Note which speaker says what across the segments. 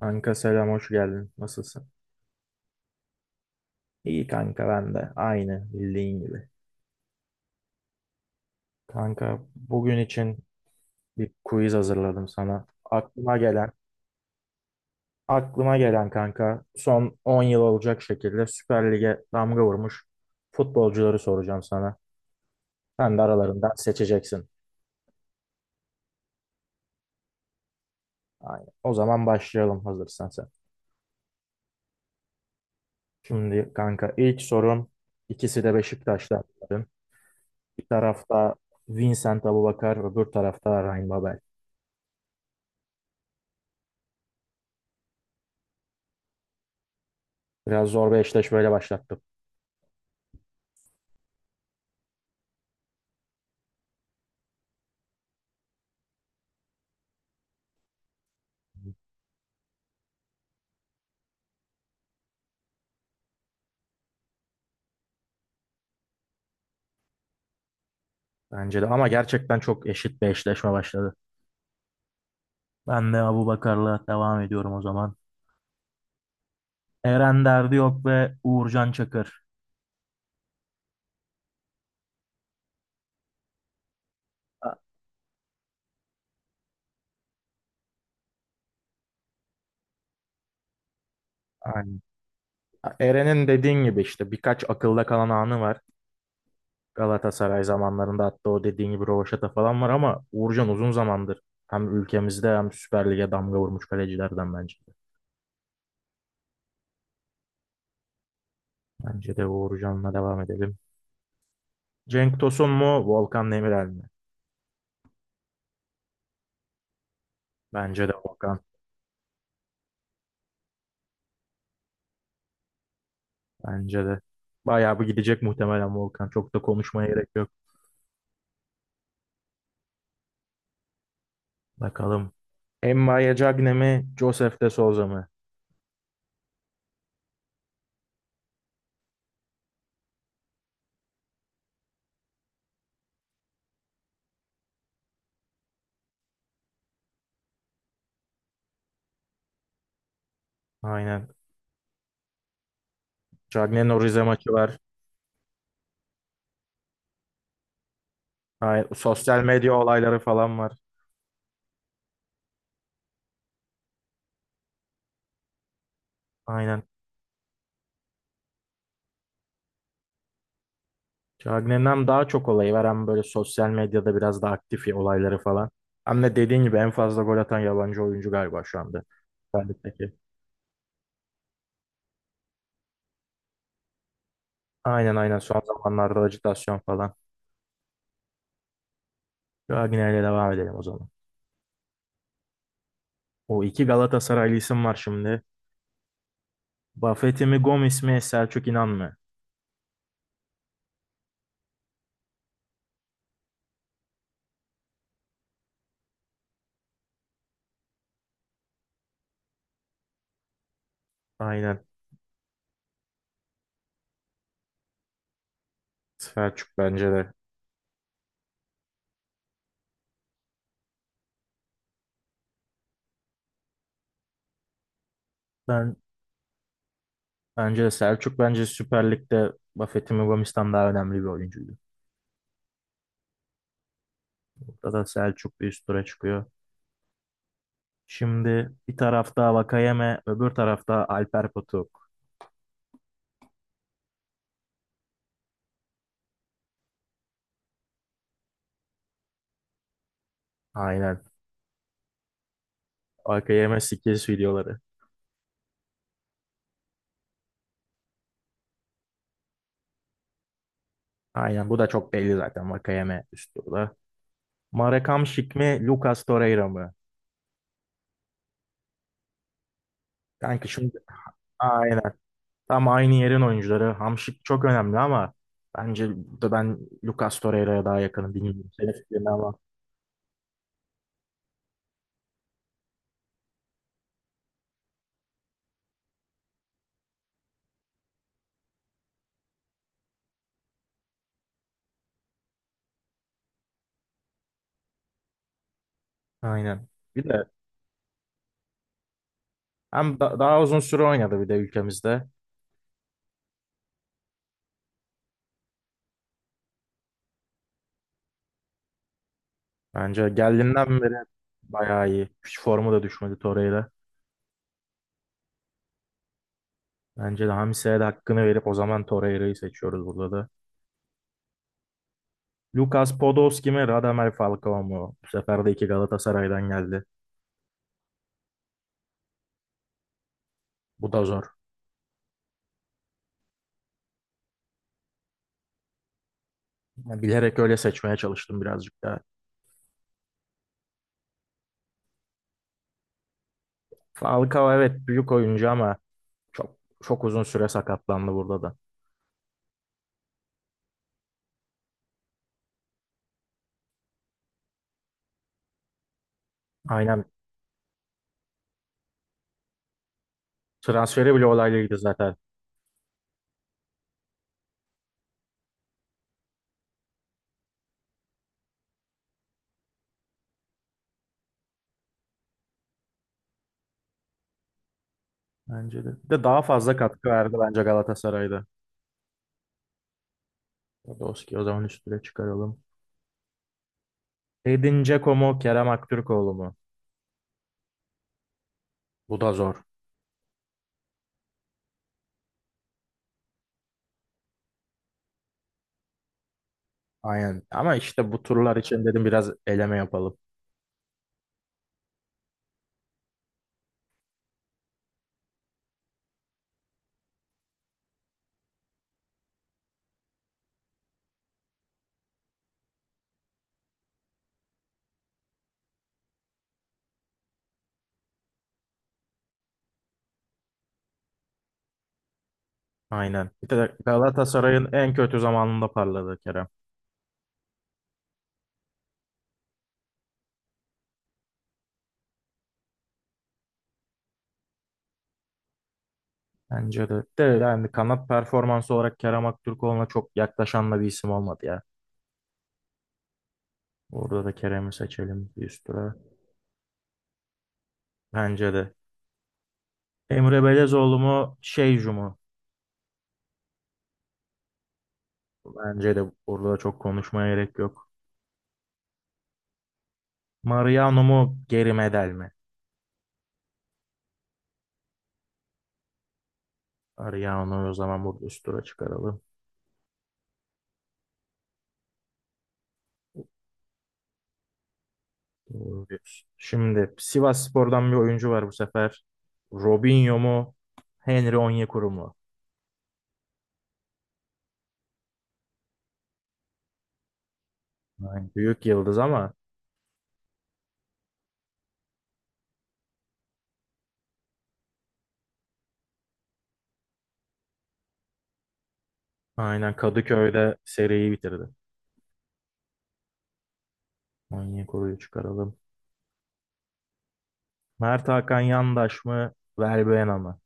Speaker 1: Kanka selam, hoş geldin. Nasılsın? İyi kanka, ben de aynı bildiğin gibi. Kanka, bugün için bir quiz hazırladım sana. Aklıma gelen kanka son 10 yıl olacak şekilde Süper Lig'e damga vurmuş futbolcuları soracağım sana. Sen de aralarından seçeceksin. Aynen. O zaman başlayalım hazırsan sen. Şimdi kanka ilk sorum, ikisi de Beşiktaş'ta. Bir tarafta Vincent Aboubakar, öbür tarafta Ryan Babel. Biraz zor bir eşleşmeyle başlattım. Bence de ama gerçekten çok eşit bir eşleşme başladı. Ben de Abubakar'la devam ediyorum o zaman. Eren Derdi yok ve Uğurcan Çakır. A- Aynen. Eren'in dediğin gibi işte birkaç akılda kalan anı var. Galatasaray zamanlarında hatta o dediğin gibi rövaşata falan var, ama Uğurcan uzun zamandır hem ülkemizde hem Süper Lig'e damga vurmuş kalecilerden bence de. Bence de Uğurcan'la devam edelim. Cenk Tosun mu Volkan Demirel mi? Bence de Volkan. Bence de. Bayağı bir gidecek muhtemelen Volkan. Çok da konuşmaya gerek yok. Bakalım. Emma'ya Cagne mi? Joseph de Souza mı? Aynen. Cagne'nin o Rize maçı var. Aynen. Sosyal medya olayları falan var. Aynen. Cagne'den daha çok olayı var. Hem böyle sosyal medyada biraz daha aktif ya, olayları falan. Hem de dediğin gibi en fazla gol atan yabancı oyuncu galiba şu anda. Süper Lig'deki. Aynen aynen. Son zamanlarda ajitasyon falan. Cagne ile devam edelim o zaman. O iki Galatasaraylı isim var şimdi. Buffett'i mi Gomis mi Selçuk İnan mı? Aynen. Selçuk bence de. Ben Bence de Selçuk, bence Süper Lig'de Buffett'in Mumbamis'ten daha önemli bir oyuncuydu. Burada da Selçuk bir üst tura çıkıyor. Şimdi bir tarafta Vakayeme, öbür tarafta Alper Potuk. Aynen. Vakayeme skills videoları. Aynen, bu da çok belli zaten Vakayeme üst turda. Marekam Şik mi, Lucas Torreira mı? Kanka şimdi aynen. Tam aynı yerin oyuncuları. Hamşik çok önemli ama bence burada ben Lucas Torreira'ya daha yakınım. Bilmiyorum, senin fikrin ama. Aynen. Bir de daha uzun süre oynadı bir de ülkemizde. Bence geldiğinden beri bayağı iyi. Hiç formu da düşmedi Torreira. Bence de Hamise'ye de hakkını verip o zaman Torreira'yı seçiyoruz burada da. Lucas Podolski mi Radamel Falcao mu? Bu sefer de iki Galatasaray'dan geldi. Bu da zor. Ya bilerek öyle seçmeye çalıştım birazcık daha. Falcao evet büyük oyuncu ama çok çok uzun süre sakatlandı burada da. Aynen, transferi bile olaylıydı zaten. Bence de. Bir de daha fazla katkı verdi bence Galatasaray'da. Podolski o zaman üstüne çıkaralım. Edin Dzeko mu Kerem Aktürkoğlu mu? Bu da zor. Aynen. Ama işte bu turlar için dedim biraz eleme yapalım. Aynen. Bir de Galatasaray'ın en kötü zamanında parladı Kerem. Bence de. De yani kanat performansı olarak Kerem Aktürkoğlu'na çok yaklaşan da bir isim olmadı ya. Orada da Kerem'i seçelim bir üst tura. Bence de. Emre Belezoğlu mu Şeycu mu? Bence de burada çok konuşmaya gerek yok. Mariano mu geri Medel mi? Ariano'yu o zaman burada üst tura çıkaralım. Doğru diyorsun. Şimdi Sivasspor'dan bir oyuncu var bu sefer. Robinho mu? Henry Onyekuru mu? Aynen. Büyük yıldız ama aynen Kadıköy'de seriyi bitirdi. Onyekuru'yu çıkaralım. Mert Hakan Yandaş mı? Verbena mı?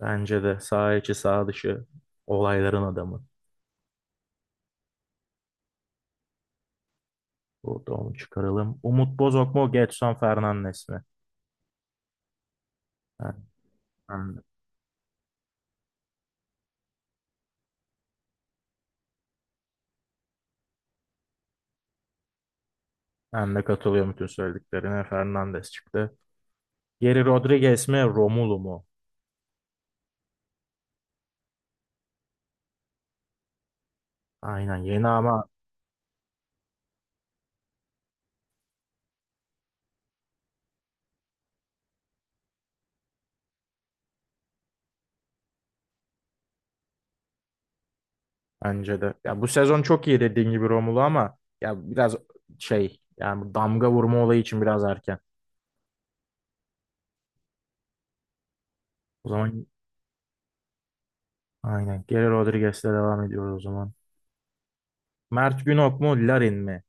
Speaker 1: Bence de sağ içi sağ dışı olayların adamı. Burada onu çıkaralım. Umut Bozok mu? Gedson Fernandes mi? Ben, ben, ben de katılıyorum bütün söylediklerine. Fernandes çıktı. Geri Rodriguez mi Romulu mu? Aynen yeni ama bence de. Ya bu sezon çok iyi dediğin gibi Romulu, ama ya biraz şey, yani bu damga vurma olayı için biraz erken. O zaman aynen Geri Rodriguez'le devam ediyoruz o zaman. Mert Günok mu Larin mi?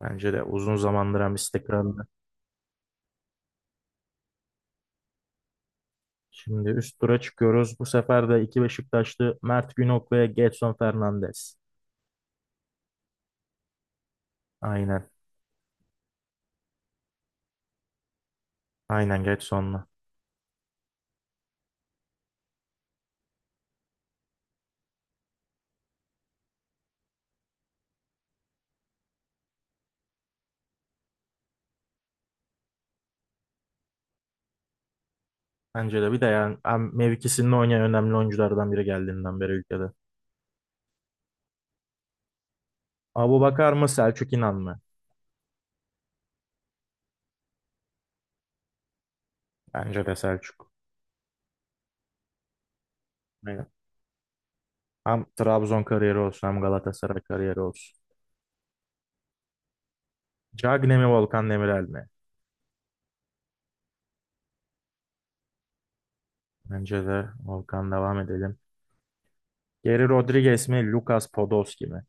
Speaker 1: Bence de uzun zamandır hem istikrarlı. Şimdi üst tura çıkıyoruz. Bu sefer de iki Beşiktaşlı Mert Günok ve Gedson Fernandes. Aynen. Aynen Gedson'la. Bence de, bir de yani hem mevkisinde oynayan önemli oyunculardan biri geldiğinden beri ülkede. Abubakar mı Selçuk İnan mı? Bence de Selçuk. Aynen. Hem Trabzon kariyeri olsun hem Galatasaray kariyeri olsun. Cagne mi Volkan Demirel mi? Bence de Volkan devam edelim. Geri Rodriguez mi Lucas Podolski mi?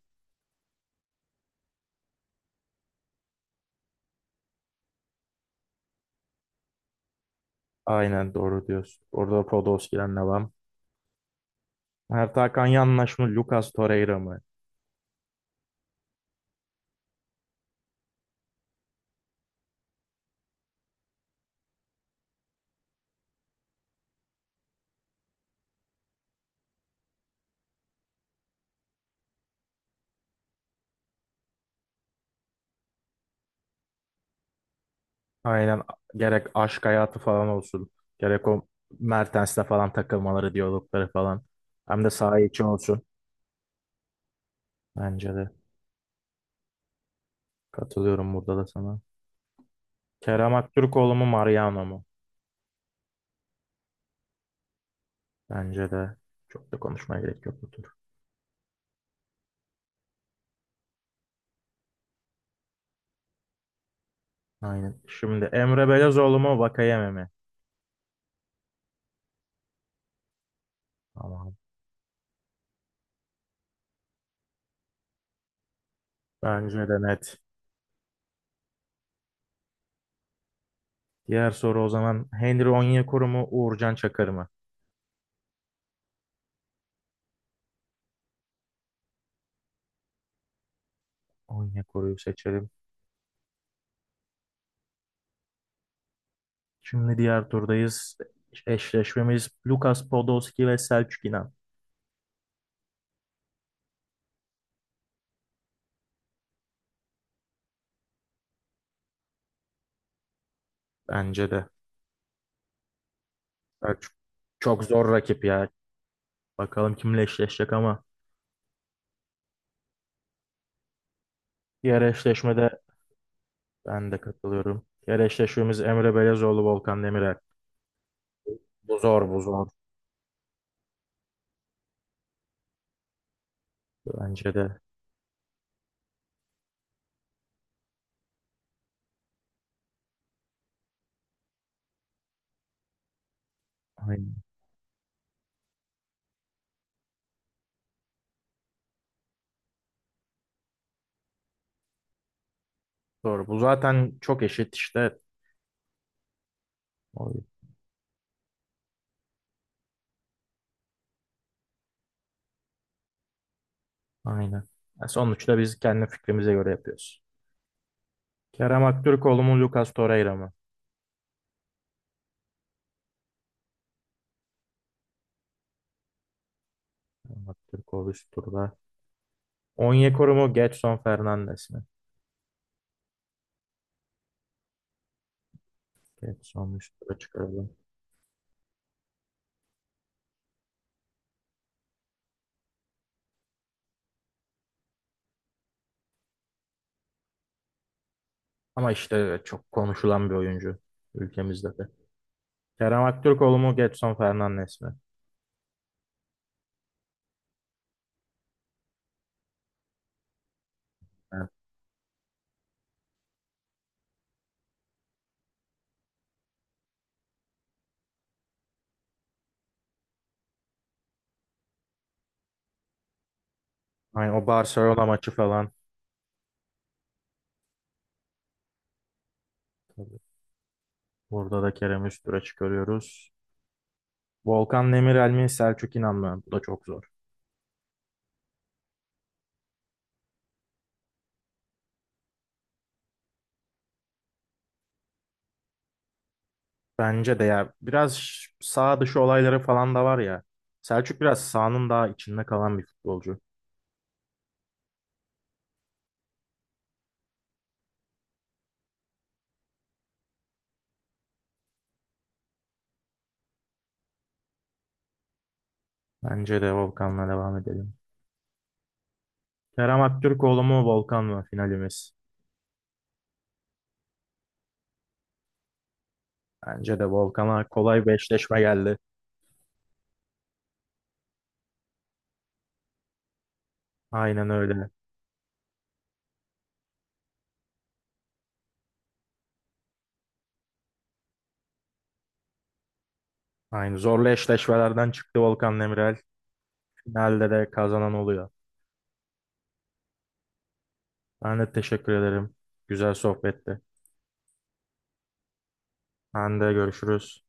Speaker 1: Aynen doğru diyorsun. Orada Podolski'den devam. Mert Hakan Yanlış mı Lucas Torreira mı? Aynen, gerek aşk hayatı falan olsun. Gerek o Mertens'le falan takılmaları, diyalogları falan. Hem de saha için olsun. Bence de katılıyorum burada da sana. Kerem Aktürkoğlu mu Mariano mu? Bence de çok da konuşmaya gerek yok bu tur. Aynen. Şimdi Emre Belezoğlu mu Vakayeme mi? Tamam. Bence de net. Diğer soru o zaman Henry Onyekuru mu Uğurcan Çakır mı? Onyekuru'yu seçelim. Şimdi diğer turdayız. Eşleşmemiz Lucas Podolski ve Selçuk İnan. Bence de. Selçuk çok zor rakip ya. Bakalım kimle eşleşecek ama diğer eşleşmede ben de katılıyorum. Diğer eşleşmemiz Emre Belezoğlu Volkan Demirel. Bu zor. Bence de. Aynen. Zor. Bu zaten çok eşit işte. O- Aynen. Ya sonuçta biz kendi fikrimize göre yapıyoruz. Kerem Aktürkoğlu mu, Lucas Torreira mı? Kerem Aktürkoğlu üst turda. Onyekuru mu, Gedson Fernandes mi? Gedson üst tura çıkaralım. Ama işte çok konuşulan bir oyuncu ülkemizde de. Kerem Aktürkoğlu mu, Gedson Fernandes mi? Evet. Aynen o Barcelona maçı falan. Tabii. Burada da Kerem'i üst tura çıkarıyoruz. Volkan Demirel mi Selçuk İnan mı? Bu da çok zor. Bence de ya biraz sağ dışı olayları falan da var ya. Selçuk biraz sahanın daha içinde kalan bir futbolcu. Bence de Volkan'la devam edelim. Kerem Aktürkoğlu mu Volkan mı finalimiz? Bence de Volkan'a kolay bir eşleşme geldi. Aynen öyle. Aynı zorlu eşleşmelerden çıktı Volkan Demirel. Finalde de kazanan oluyor. Ben de teşekkür ederim. Güzel sohbetti. Ben de görüşürüz.